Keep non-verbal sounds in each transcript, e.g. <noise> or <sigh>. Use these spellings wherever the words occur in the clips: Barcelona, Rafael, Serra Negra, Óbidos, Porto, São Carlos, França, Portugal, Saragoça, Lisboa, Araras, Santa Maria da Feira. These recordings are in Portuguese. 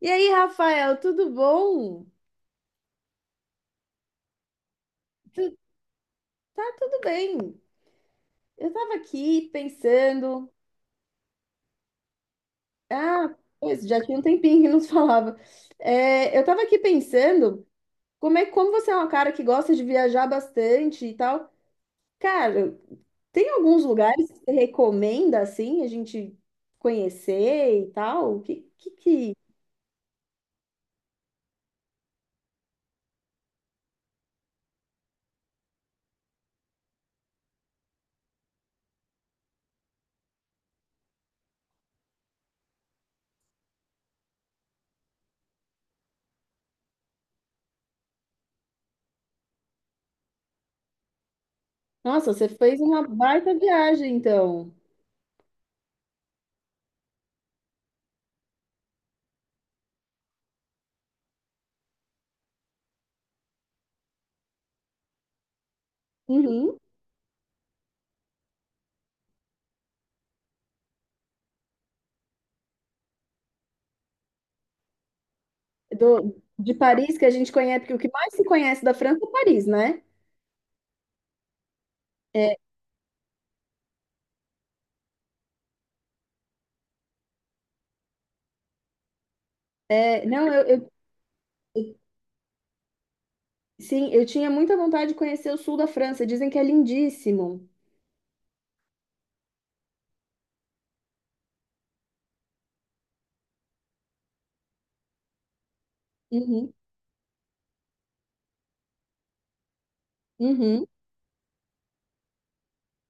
E aí, Rafael, tudo bom? Tu- tá tudo bem. Eu tava aqui pensando. Ah, pois, já tinha um tempinho que não se falava. É, eu tava aqui pensando como você é uma cara que gosta de viajar bastante e tal. Cara, tem alguns lugares que você recomenda assim a gente conhecer e tal? Que... Nossa, você fez uma baita viagem, então. Uhum. De Paris, que a gente conhece, porque o que mais se conhece da França é Paris, né? É, é não, sim, eu tinha muita vontade de conhecer o sul da França. Dizem que é lindíssimo. Uhum, uhum,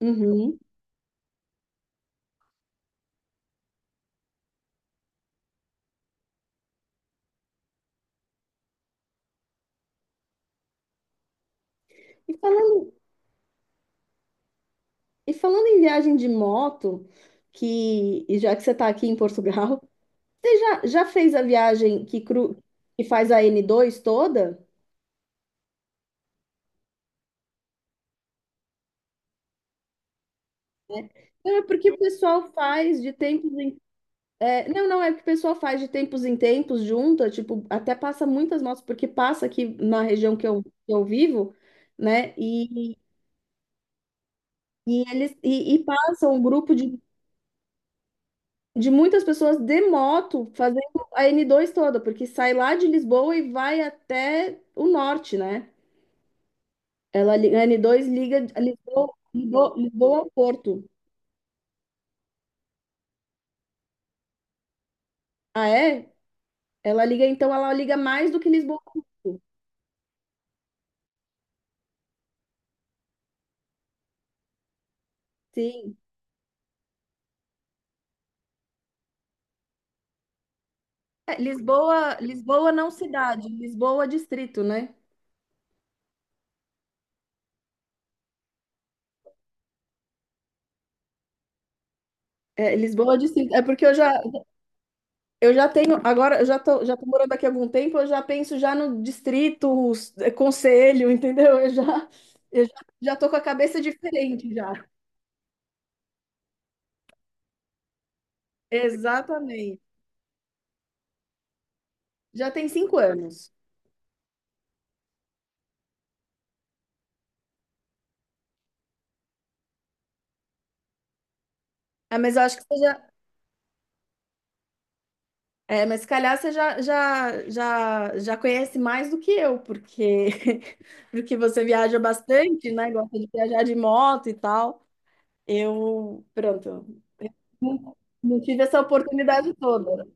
uhum. E falando, e falando em viagem de moto, que e já que você está aqui em Portugal, <laughs> você já fez a viagem que faz a N2 toda? Né? Não, é porque o pessoal faz de tempos em é, não, não, é que o pessoal faz de tempos em tempos, junta, tipo, até passa muitas motos, porque passa aqui na região que eu, vivo, né? E eles passa um grupo de muitas pessoas de moto fazendo a N2 toda, porque sai lá de Lisboa e vai até o norte, né? A N2 liga Lisboa ao Porto. Ah, é? Ela liga, então ela liga mais do que Lisboa ao Porto. Sim. É, Lisboa, Lisboa não cidade, Lisboa distrito, né? É, Lisboa distrito. É porque eu já tenho, agora eu já tô morando aqui há algum tempo, eu já penso já no distrito, conselho, <laughs> entendeu? Eu já tô com a cabeça diferente já. Exatamente. Já tem 5 anos. É, mas eu acho que você já, é, mas se calhar você já conhece mais do que eu, porque, <laughs> porque você viaja bastante, né? Gosta de viajar de moto e tal. Eu, pronto, não, não tive essa oportunidade toda.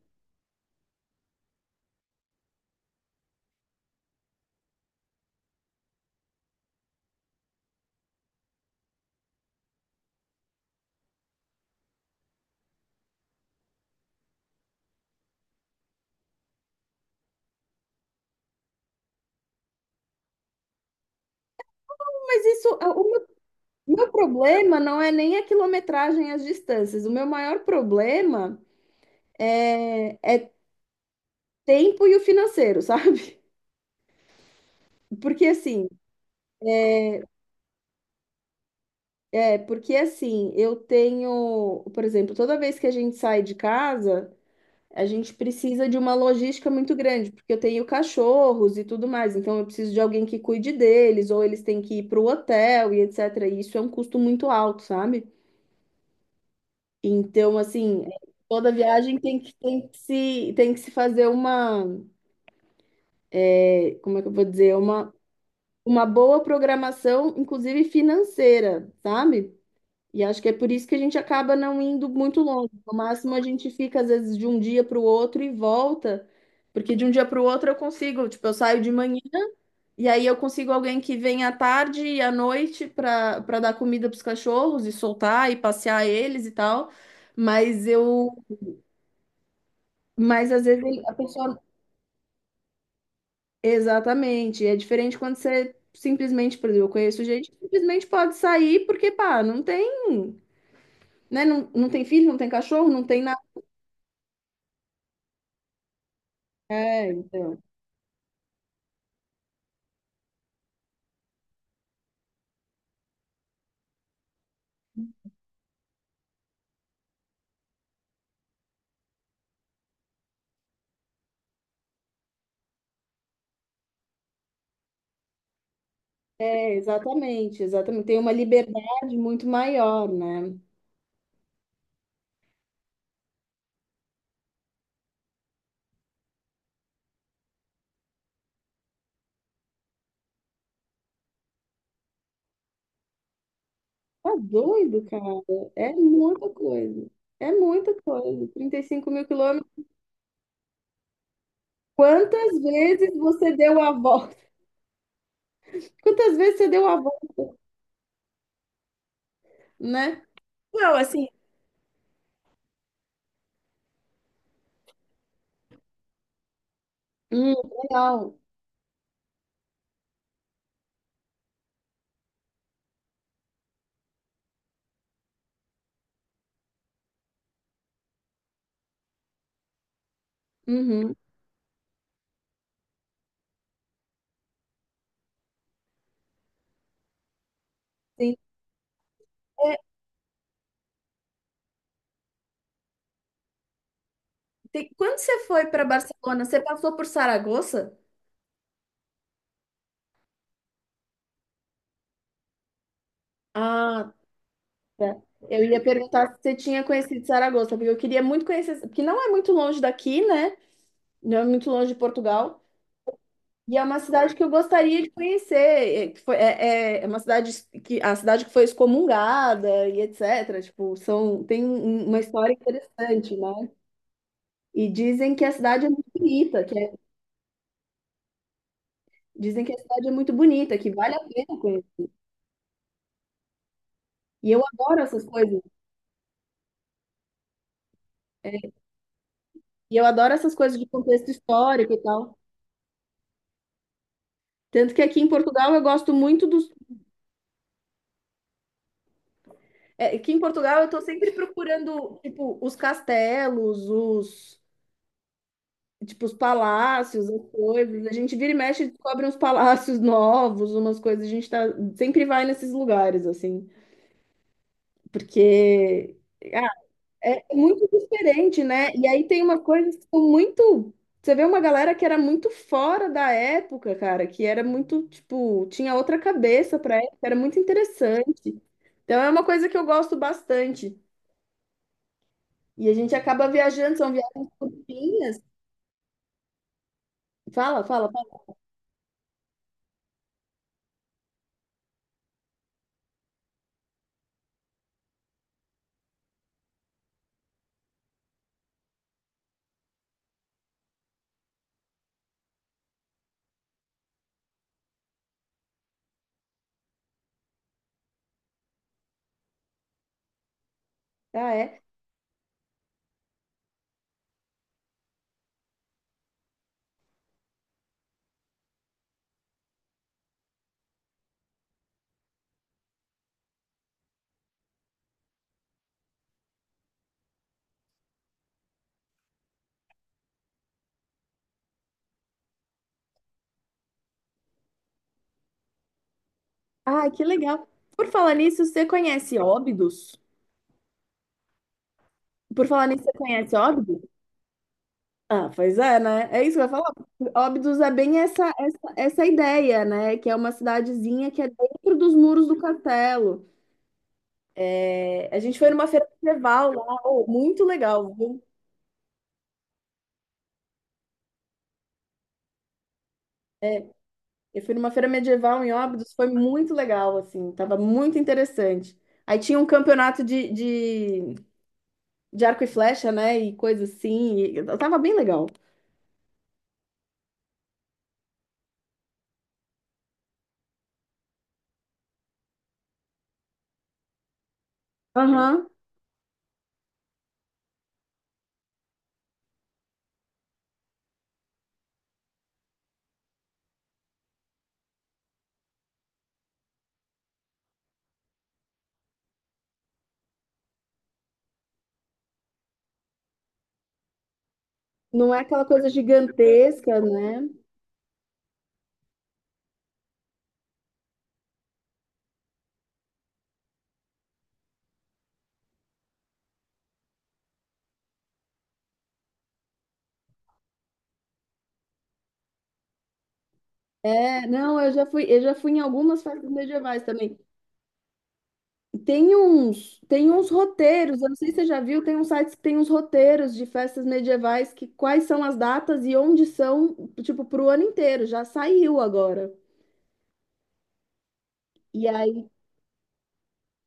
Mas isso, meu problema não é nem a quilometragem e as distâncias. O meu maior problema, tempo e o financeiro, <laughs> sabe? Porque assim, é porque assim, eu tenho, por exemplo, toda vez que a gente sai de casa, a gente precisa de uma logística muito grande, porque eu tenho cachorros e tudo mais, então eu preciso de alguém que cuide deles, ou eles têm que ir para o hotel e etc. E isso é um custo muito alto, sabe? Então, assim, toda viagem tem que se fazer uma como é que eu vou dizer, uma boa programação, inclusive financeira, sabe? E acho que é por isso que a gente acaba não indo muito longe. No máximo, a gente fica, às vezes, de um dia para o outro e volta, porque de um dia para o outro eu consigo, tipo, eu saio de manhã e aí eu consigo alguém que vem à tarde e à noite para dar comida para os cachorros e soltar e passear eles e tal. Mas eu, mas às vezes a pessoa. Exatamente. É diferente quando você simplesmente, por exemplo, eu conheço gente que simplesmente pode sair porque, pá, não tem, né? Não, não tem filho, não tem cachorro, não tem nada. É, então. É, exatamente, exatamente. Tem uma liberdade muito maior, né? Tá doido, cara. É muita coisa. É muita coisa. 35 mil quilômetros. Quantas vezes você deu a volta? <laughs> Quantas vezes você deu a volta, né? Não, assim. Hum, legal. Uhum. Sim. Quando você foi para Barcelona, você passou por Saragoça? Ah, tá. Eu ia perguntar se você tinha conhecido Saragoça, porque eu queria muito conhecer, porque não é muito longe daqui, né? Não é muito longe de Portugal. E é uma cidade que eu gostaria de conhecer. É, é uma cidade que a cidade que foi excomungada e etc. Tipo, são, tem uma história interessante, né? E dizem que a cidade é muito bonita, dizem que a cidade é muito bonita, que vale a pena conhecer. E eu adoro essas coisas. E eu adoro essas coisas de contexto histórico e tal. Tanto que aqui em Portugal eu gosto muito dos. É, aqui em Portugal eu estou sempre procurando, tipo, os castelos, os. Tipo, os palácios, as coisas. A gente vira e mexe e descobre uns palácios <laughs> novos, umas coisas. A gente tá, sempre vai nesses lugares, assim. Porque. É muito diferente, né? E aí tem uma coisa que ficou muito. Você vê uma galera que era muito fora da época, cara, que era muito, tipo, tinha outra cabeça pra época, era muito interessante. Então é uma coisa que eu gosto bastante. E a gente acaba viajando, são viagens curtinhas. Fala, fala, fala. Ah, é. Ah, que legal. Por falar nisso, você conhece Óbidos? Por falar nisso, você conhece Óbidos? Ah, pois é, né? É isso que eu ia falar. Óbidos é bem essa ideia, né? Que é uma cidadezinha que é dentro dos muros do castelo. É, a gente foi numa feira medieval lá, oh, muito legal, viu? Eu fui numa feira medieval em Óbidos, foi muito legal, assim, tava muito interessante. Aí tinha um campeonato de arco e flecha, né? E coisa assim, e tava bem legal. Aham. Não é aquela coisa gigantesca, né? É, não, eu já fui em algumas festas medievais também. Tem uns roteiros, eu não sei se você já viu, tem uns sites que tem uns roteiros de festas medievais que quais são as datas e onde são, tipo, pro ano inteiro, já saiu agora. E aí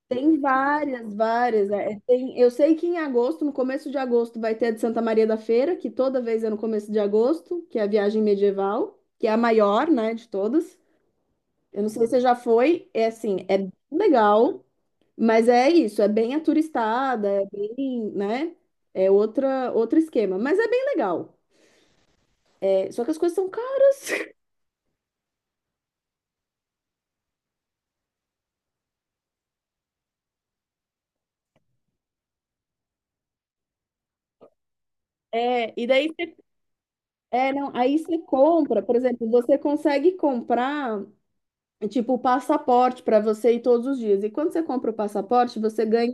tem várias, várias. Eu sei que em agosto, no começo de agosto, vai ter a de Santa Maria da Feira, que toda vez é no começo de agosto, que é a viagem medieval, que é a maior, né, de todas. Eu não sei se você já foi, é assim, é bem legal. Mas é isso, é bem aturistada, é bem, né? É outra, outro esquema, mas é bem legal. É, só que as coisas são caras. <laughs> É, e daí você, é, não, aí você compra, por exemplo, você consegue comprar tipo o passaporte para você ir todos os dias. E quando você compra o passaporte, você ganha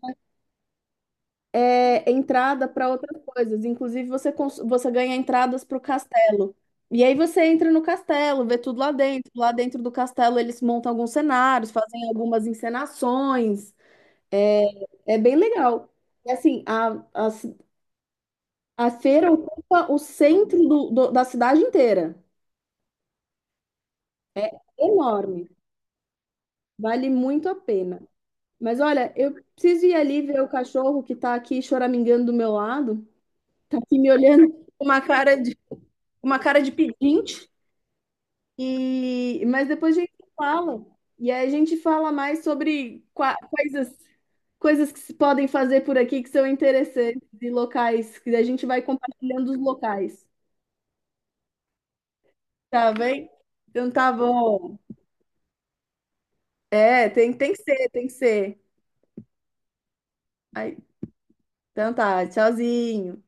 entrada para outras coisas. Inclusive, você ganha entradas para o castelo. E aí você entra no castelo, vê tudo lá dentro. Lá dentro do castelo eles montam alguns cenários, fazem algumas encenações. É, é bem legal. E assim, a feira ocupa o centro da cidade inteira. É enorme. Vale muito a pena. Mas olha, eu preciso ir ali ver o cachorro que tá aqui choramingando do meu lado. Tá aqui me olhando com uma cara de pedinte. E, mas depois a gente fala. E aí a gente fala mais sobre coisas, coisas que se podem fazer por aqui que são interessantes e locais, que a gente vai compartilhando os locais. Tá bem? Então tá bom. É, tem que ser, tem que ser. Aí, então tá, tchauzinho.